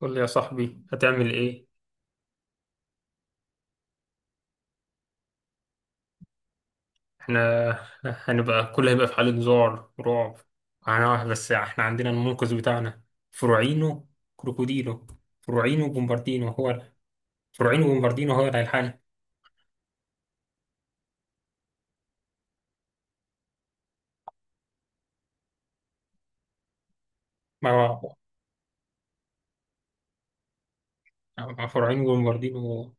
قول لي يا صاحبي، هتعمل ايه؟ احنا هنبقى كله هيبقى في حالة ذعر ورعب. هنروح، بس احنا عندنا المنقذ بتاعنا، فروعينو كروكوديلو. فروعينو بومباردينو هو ال- فروعينو بومباردينو هو اللي هيلحقنا. ما ما- فروعينو بومباردينو هو-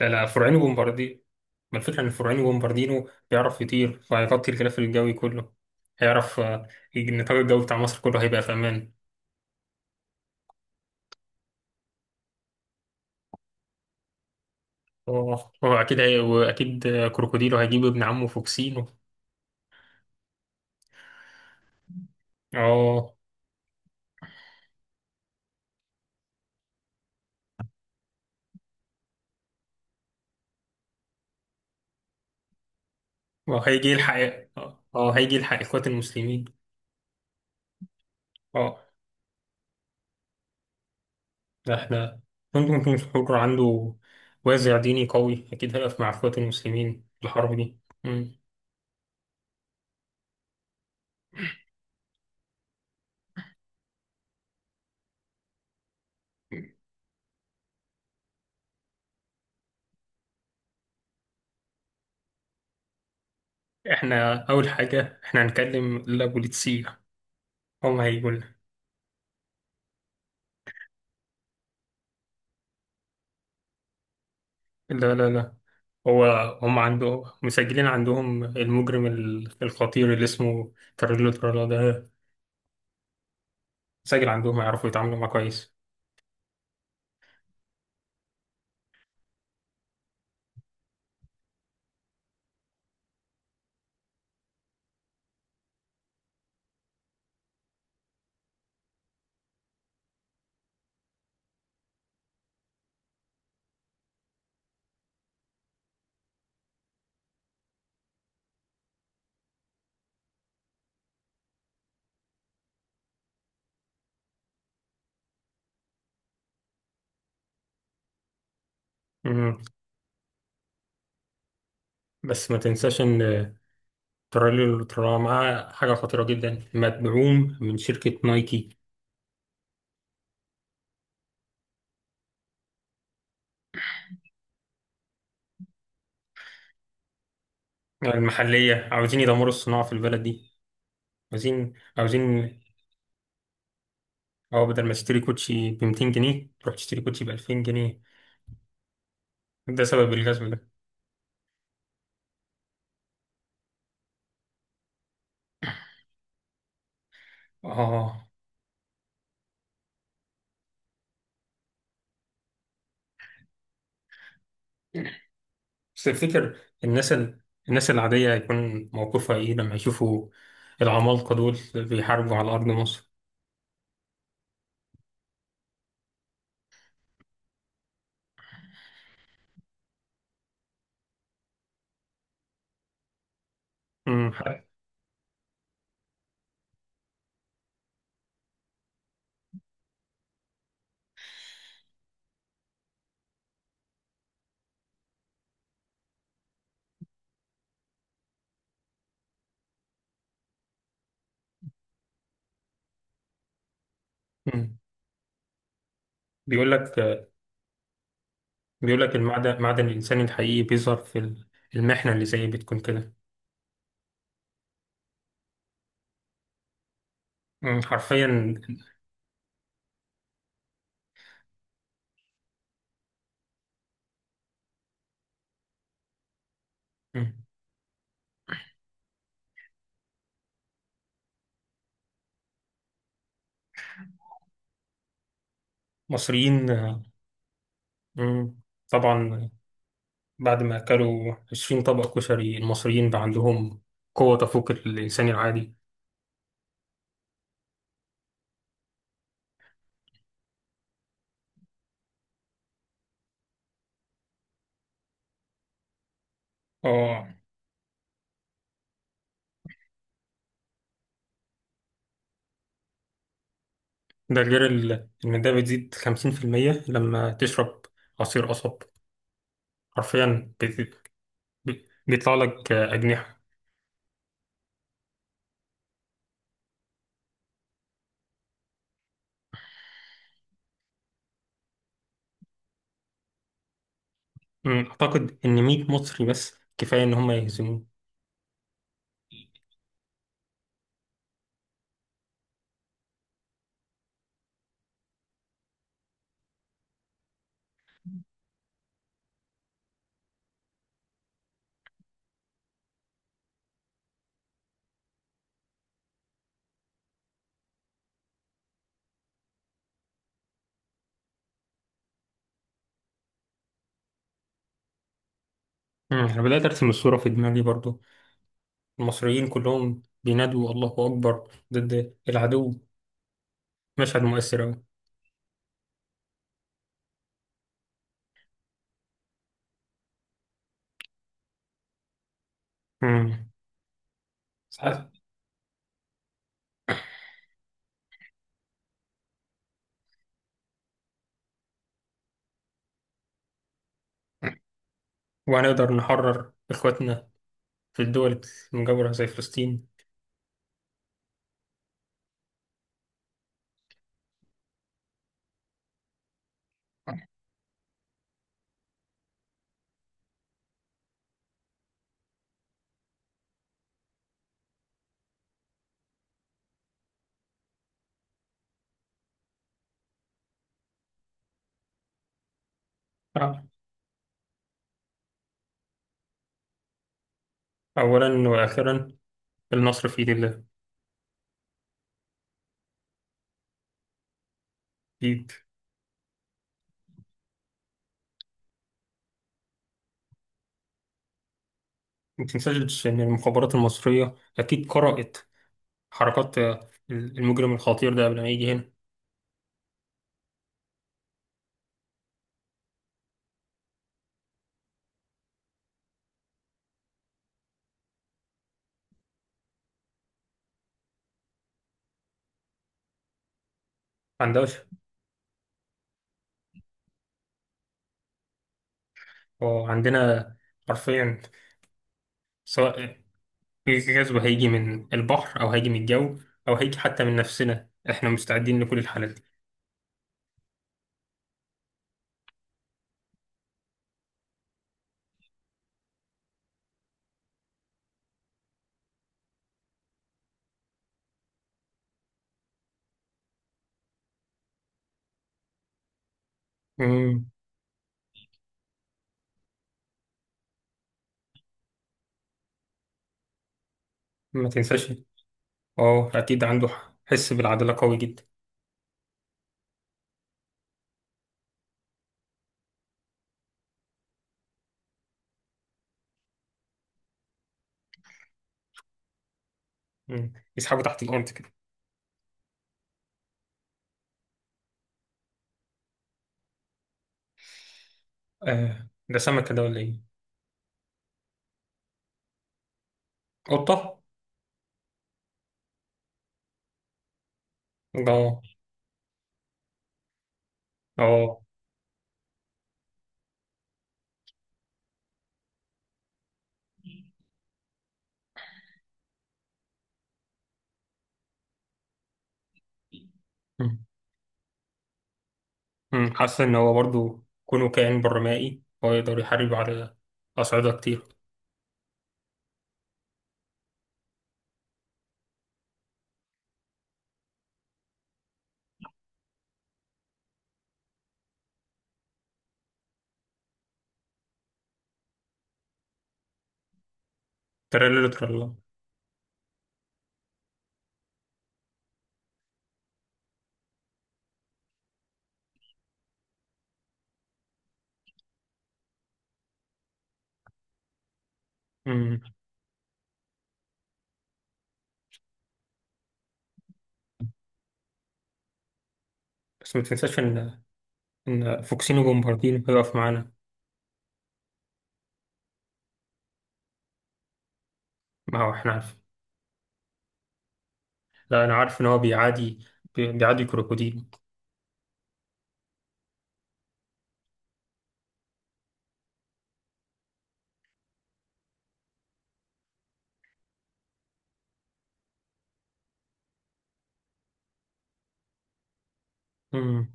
لا لا، فروعينو بومباردينو. ما الفكرة ان فروعينو بومباردينو بيعرف يطير، فهيغطي الغلاف الجوي كله. هيعرف. النطاق الجوي بتاع مصر كله هيبقى في امان. اه، هو اكيد هي واكيد. كروكوديلو هيجيب ابن عمه فوكسينو. اه، وهيجي يلحق إيه؟ اه، هيجي يلحق إخوات المسلمين. اه، ده احنا ممكن يكون الحر عنده وازع ديني قوي، أكيد هيقف مع إخوات المسلمين في الحرب دي. مم. احنا أول حاجة احنا هنكلم البوليتسية، هم هيقول. لا لا لا. هو هم عنده مسجلين عندهم المجرم الخطير اللي اسمه تريلو ترالا ده، مسجل عندهم، هيعرفوا يتعاملوا معاه كويس. مم. بس ما تنساش إن الترالي اللي طلعوا معاه حاجة خطيرة جدا، مدعوم من شركة نايكي المحلية. عاوزين يدمروا الصناعة في البلد دي. عاوزين، أو بدل ما تشتري كوتشي ب 200 جنيه تروح تشتري كوتشي ب 2000 جنيه. ده سبب الجذب ده. آه، اه. بس تفتكر الناس ال... الناس العادية هيكون موقفها إيه لما يشوفوا العمالقة دول بيحاربوا على أرض مصر. مم. مم. بيقول لك بيقول لك المعدن، معدن الإنسان الحقيقي بيظهر في المحنة اللي زي بتكون كده. مم، حرفيا. مم. مصريين. مم. طبعا، بعد ما أكلوا 20 طبق كشري المصريين بقى عندهم قوة تفوق الإنسان العادي. اه، ده غير إن ده بتزيد 50% لما تشرب عصير قصب. حرفيا بيطلع لك أجنحة. مم. أعتقد إن 100 مصري بس كفاية إن هم يهزمون. مم. أنا بدأت أرسم الصورة في دماغي برضو، المصريين كلهم بينادوا الله أكبر ضد العدو. مشهد مؤثر أوي. مم. ساعات. وهنقدر نحرر إخواتنا في الدول المجاورة زي فلسطين. آه. أولا وآخرا النصر في يد الله. أكيد. ما تنساش إن المخابرات المصرية أكيد قرأت حركات المجرم الخطير ده قبل ما يجي هنا. عندهاش. وعندنا حرفيا، سواء الغزو هيجي من البحر أو هيجي من الجو أو هيجي حتى من نفسنا، إحنا مستعدين لكل الحالات دي. مم. ما تنساش. أه، أكيد عنده حس بالعدالة قوي جدا. مم. يسحبه تحت الأرض كده. آه، ده سمكة ده ولا إيه؟ قطة؟ اه، اه. أمم، أمم. حاسس إن هو برضو كونه كائن برمائي، هو يقدر يحارب على أصعدة كتير. ترى ترلا. أمم، بس ما تنساش إن فوكسينو بومباردينو هيقف معانا. ما هو إحنا عارف. لا، أنا عارف إن هو بيعادي كروكوديل. أمم،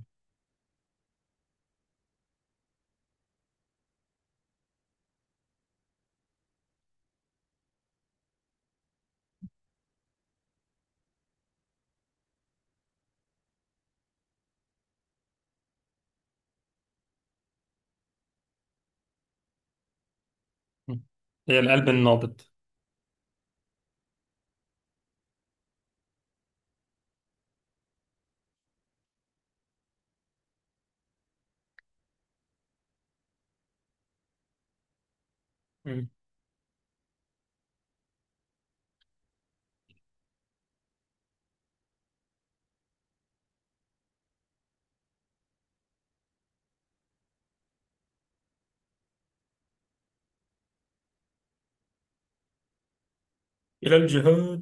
أمم. هي القلب النابض. أمم. إلى الجهاد.